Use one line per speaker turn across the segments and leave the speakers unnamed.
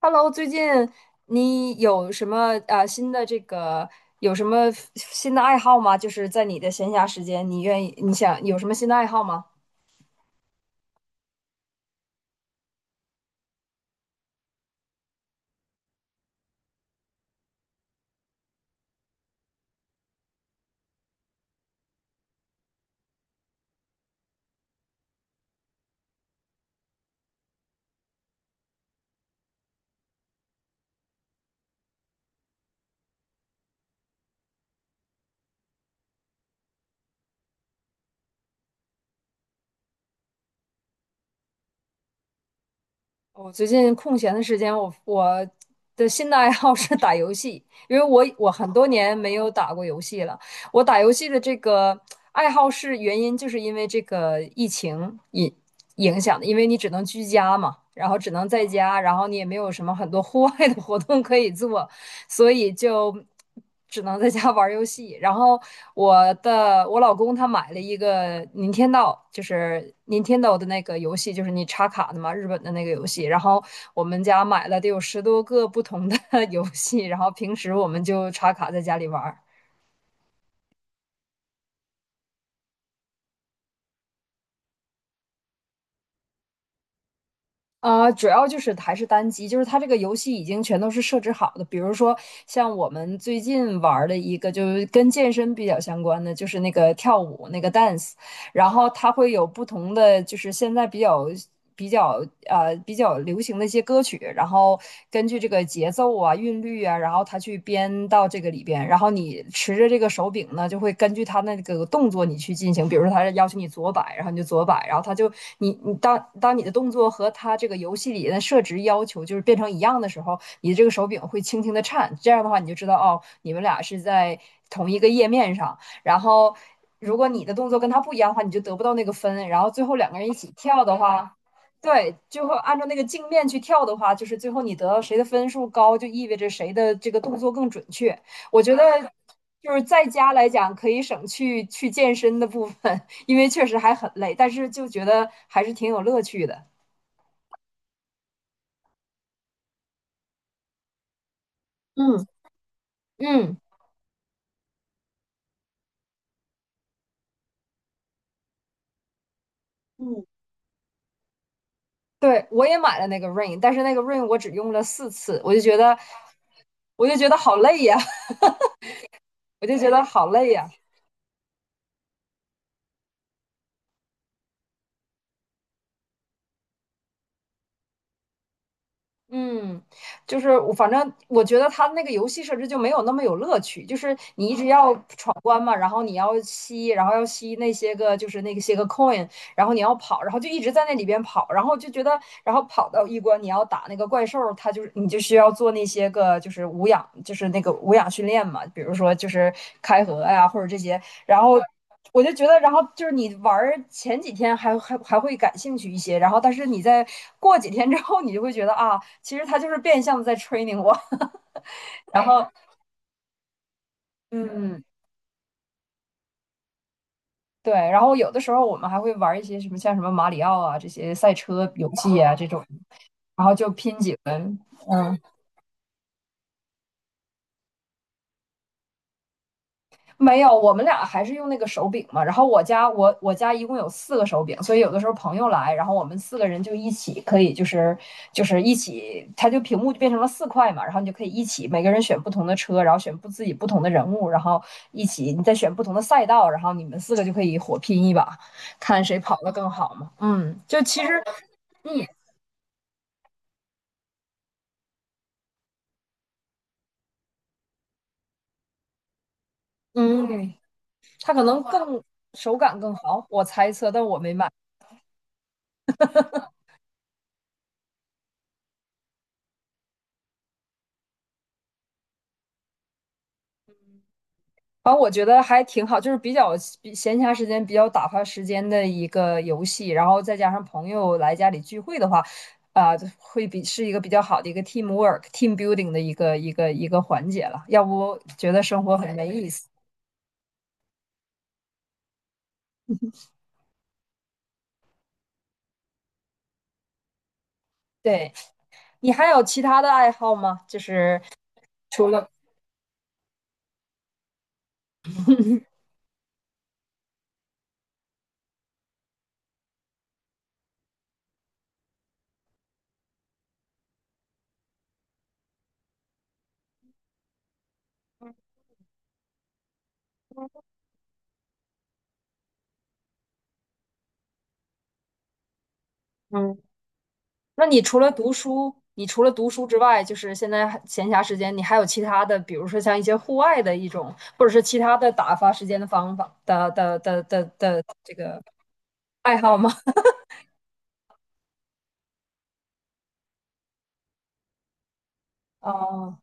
Hello，最近你有什么呃新的这个有什么新的爱好吗？就是在你的闲暇时间，你愿意你想有什么新的爱好吗？我最近空闲的时间，我的新的爱好是打游戏，因为我很多年没有打过游戏了。我打游戏的这个爱好是原因，就是因为这个疫情影响的，因为你只能居家嘛，然后只能在家，然后你也没有什么很多户外的活动可以做。所以就只能在家玩儿游戏。然后我老公他买了一个 n i n 就是 NIN 的那个游戏，就是你插卡的嘛，日本的那个游戏。然后我们家买了得有10多个不同的 游戏，然后平时我们就插卡在家里玩儿。啊、主要就是还是单机，就是它这个游戏已经全都是设置好的。比如说，像我们最近玩儿的一个，就是跟健身比较相关的，就是那个跳舞那个 dance，然后它会有不同的，就是现在比较比较流行的一些歌曲，然后根据这个节奏啊、韵律啊，然后它去编到这个里边，然后你持着这个手柄呢，就会根据它那个动作你去进行，比如说它要求你左摆，然后你就左摆，然后它就你你当当你的动作和它这个游戏里的设置要求就是变成一样的时候，你的这个手柄会轻轻的颤，这样的话你就知道哦，你们俩是在同一个页面上。然后如果你的动作跟他不一样的话，你就得不到那个分。然后最后两个人一起跳的话，对，就会按照那个镜面去跳的话，就是最后你得到谁的分数高，就意味着谁的这个动作更准确。我觉得就是在家来讲，可以省去去健身的部分，因为确实还很累，但是就觉得还是挺有乐趣的。嗯嗯。嗯，对，我也买了那个 Rain，但是那个 Rain 我只用了4次，我就觉得好累呀，我就觉得好累呀。嗯，就是反正我觉得它那个游戏设置就没有那么有乐趣，就是你一直要闯关嘛，然后要吸那些个coin，然后你要跑，然后就一直在那里边跑，然后就觉得，然后跑到一关你要打那个怪兽，它就是你就需要做那些个就是无氧，就是那个无氧训练嘛，比如说就是开合呀、或者这些，然后我就觉得，然后就是你玩前几天还会感兴趣一些，然后但是你在过几天之后，你就会觉得啊，其实他就是变相的在 training 我。然后 嗯，对，然后有的时候我们还会玩一些什么像什么马里奥啊这些赛车游戏啊这种，然后就拼几轮，嗯。没有，我们俩还是用那个手柄嘛。然后我家一共有四个手柄，所以有的时候朋友来，然后我们四个人就一起可以就是一起，屏幕就变成了四块嘛，然后你就可以一起每个人选不同的车，然后选不自己不同的人物，然后一起你再选不同的赛道，然后你们四个就可以火拼一把，看谁跑得更好嘛。嗯，就其实你嗯，它可能手感更好，我猜测，但我没买。反正我觉得还挺好，就是比闲暇时间比较打发时间的一个游戏，然后再加上朋友来家里聚会的话，啊、就会是一个比较好的一个 team work、team building 的一个环节了，要不觉得生活很没意思。对，你还有其他的爱好吗？就是，嗯，那你除了读书之外，就是现在还闲暇时间，你还有其他的，比如说像一些户外的一种，或者是其他的打发时间的方法的这个。爱好吗？哦，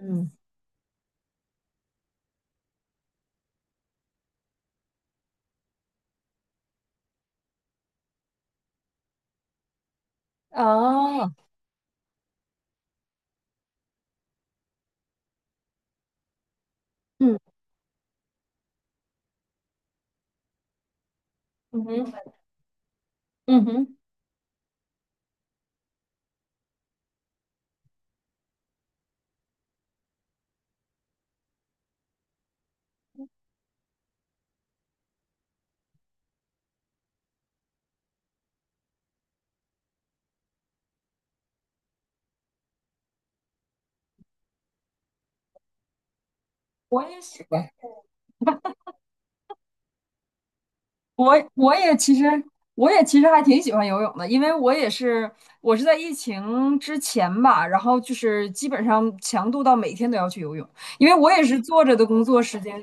嗯，哦，嗯嗯哼，嗯哼，我也喜欢，我我也其实我也其实还挺喜欢游泳的，因为我是在疫情之前吧，然后就是基本上强度到每天都要去游泳，因为我也是坐着的工作时间，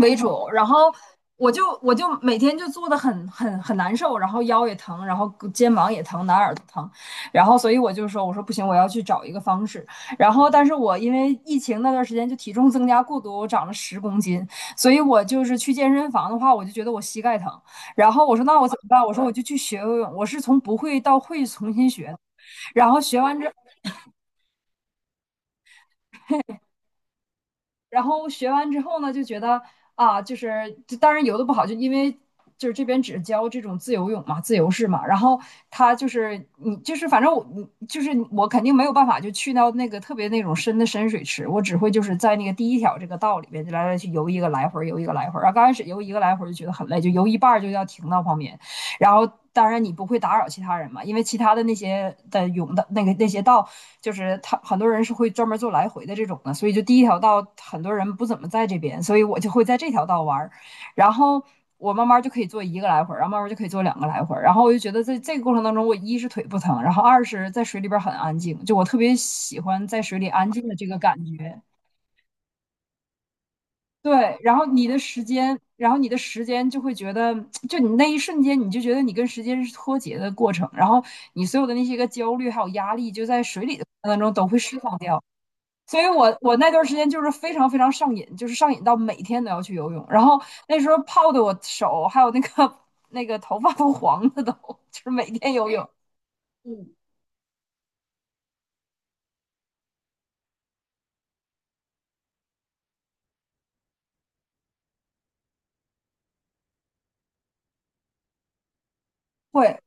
为主，然后我就每天就坐的很难受，然后腰也疼，然后肩膀也疼，哪儿都疼，然后所以我说不行，我要去找一个方式。然后但是我因为疫情那段时间就体重增加过多，我长了10公斤，所以我就是去健身房的话，我就觉得我膝盖疼。然后我说那我怎么办？我说我就去学游泳，我是从不会到会重新学的。然后学完之后呢，就觉得啊，就当然游的不好，就因为就是这边只教这种自由式嘛。然后他就是你就是反正我你就是我肯定没有办法就去到那个特别那种深水池，我只会就是在那个第一条这个道里边就来去游一个来回游一个来回然后刚开始游一个来回就觉得很累，就游一半就要停到旁边。然后当然你不会打扰其他人嘛，因为其他的那些的泳的那个那些道，就是他很多人是会专门做来回的这种的，所以就第一条道很多人不怎么在这边，所以我就会在这条道玩儿，然后。我慢慢就可以做一个来回，然后慢慢就可以做两个来回，然后我就觉得在这个过程当中，我一是腿不疼，然后二是在水里边很安静，就我特别喜欢在水里安静的这个感觉。对，然后你的时间就会觉得，就你那一瞬间，你就觉得你跟时间是脱节的过程，然后你所有的那些个焦虑还有压力，就在水里的过程当中都会释放掉。所以我那段时间就是非常非常上瘾，就是上瘾到每天都要去游泳，然后那时候泡的我手还有那个 那个头发都黄了都，就是每天游泳。会，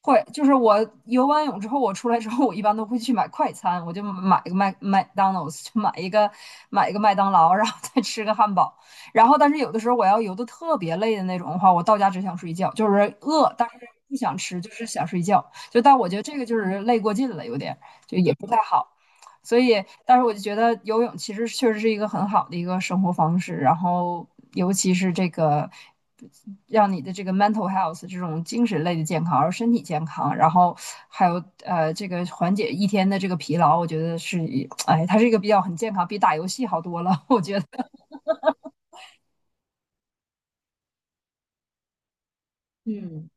会，就是我游完泳之后，我出来之后，我一般都会去买快餐，我就买个麦当劳，去买一个麦当劳，然后再吃个汉堡。然后，但是有的时候我要游的特别累的那种的话，我到家只想睡觉，就是饿，但是不想吃，就是想睡觉。就但我觉得这个就是累过劲了，有点就也不太好。所以但是我就觉得游泳其实确实是一个很好的一个生活方式，然后尤其是这个让你的这个 mental health 这种精神类的健康，然后身体健康，然后还有这个缓解一天的这个疲劳，我觉得哎，它是一个比较很健康，比打游戏好多了，我觉得。嗯，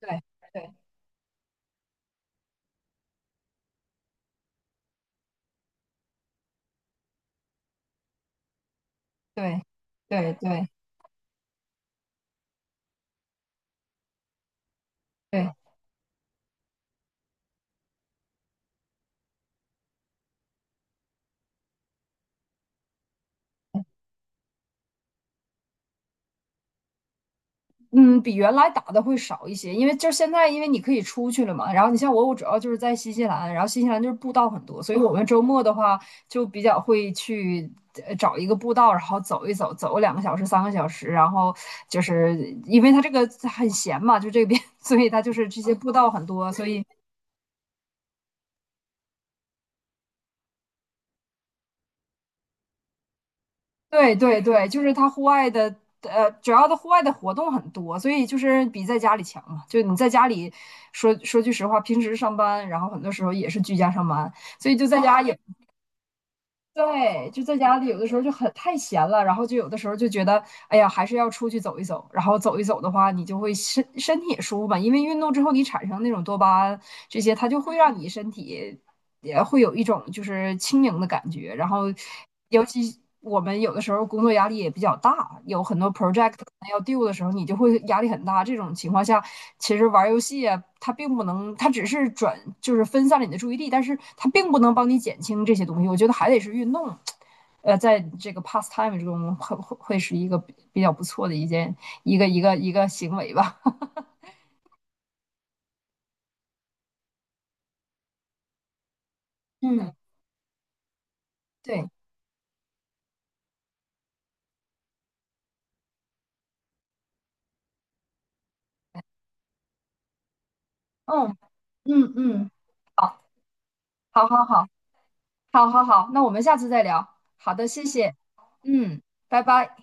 对对对对对对。嗯，比原来打的会少一些，因为就是现在，因为你可以出去了嘛。然后你像我主要就是在新西兰，然后新西兰就是步道很多，所以我们周末的话就比较会去找一个步道，然后走一走，走个2个小时、3个小时。然后就是因为它这个很闲嘛，就这边，所以它就是这些步道很多，所以对对对，就是他户外的，主要的户外的活动很多，所以就是比在家里强嘛。就你在家里说句实话，平时上班，然后很多时候也是居家上班，所以就在家也。对，就在家里有的时候就很太闲了，然后就有的时候就觉得，哎呀，还是要出去走一走。然后走一走的话，你就会身体也舒服嘛，因为运动之后你产生那种多巴胺这些，它就会让你身体也会有一种就是轻盈的感觉。然后，尤其我们有的时候工作压力也比较大，有很多 project 要 d o 的时候，你就会压力很大。这种情况下，其实玩游戏啊，它并不能，它只是转就是分散了你的注意力，但是它并不能帮你减轻这些东西。我觉得还得是运动。在这个 pastime 中会是一个比较不错的一件一个一个一个行为吧。嗯，对，嗯嗯嗯。好，好，好，好。好好好，那我们下次再聊。好的，谢谢。嗯，拜拜。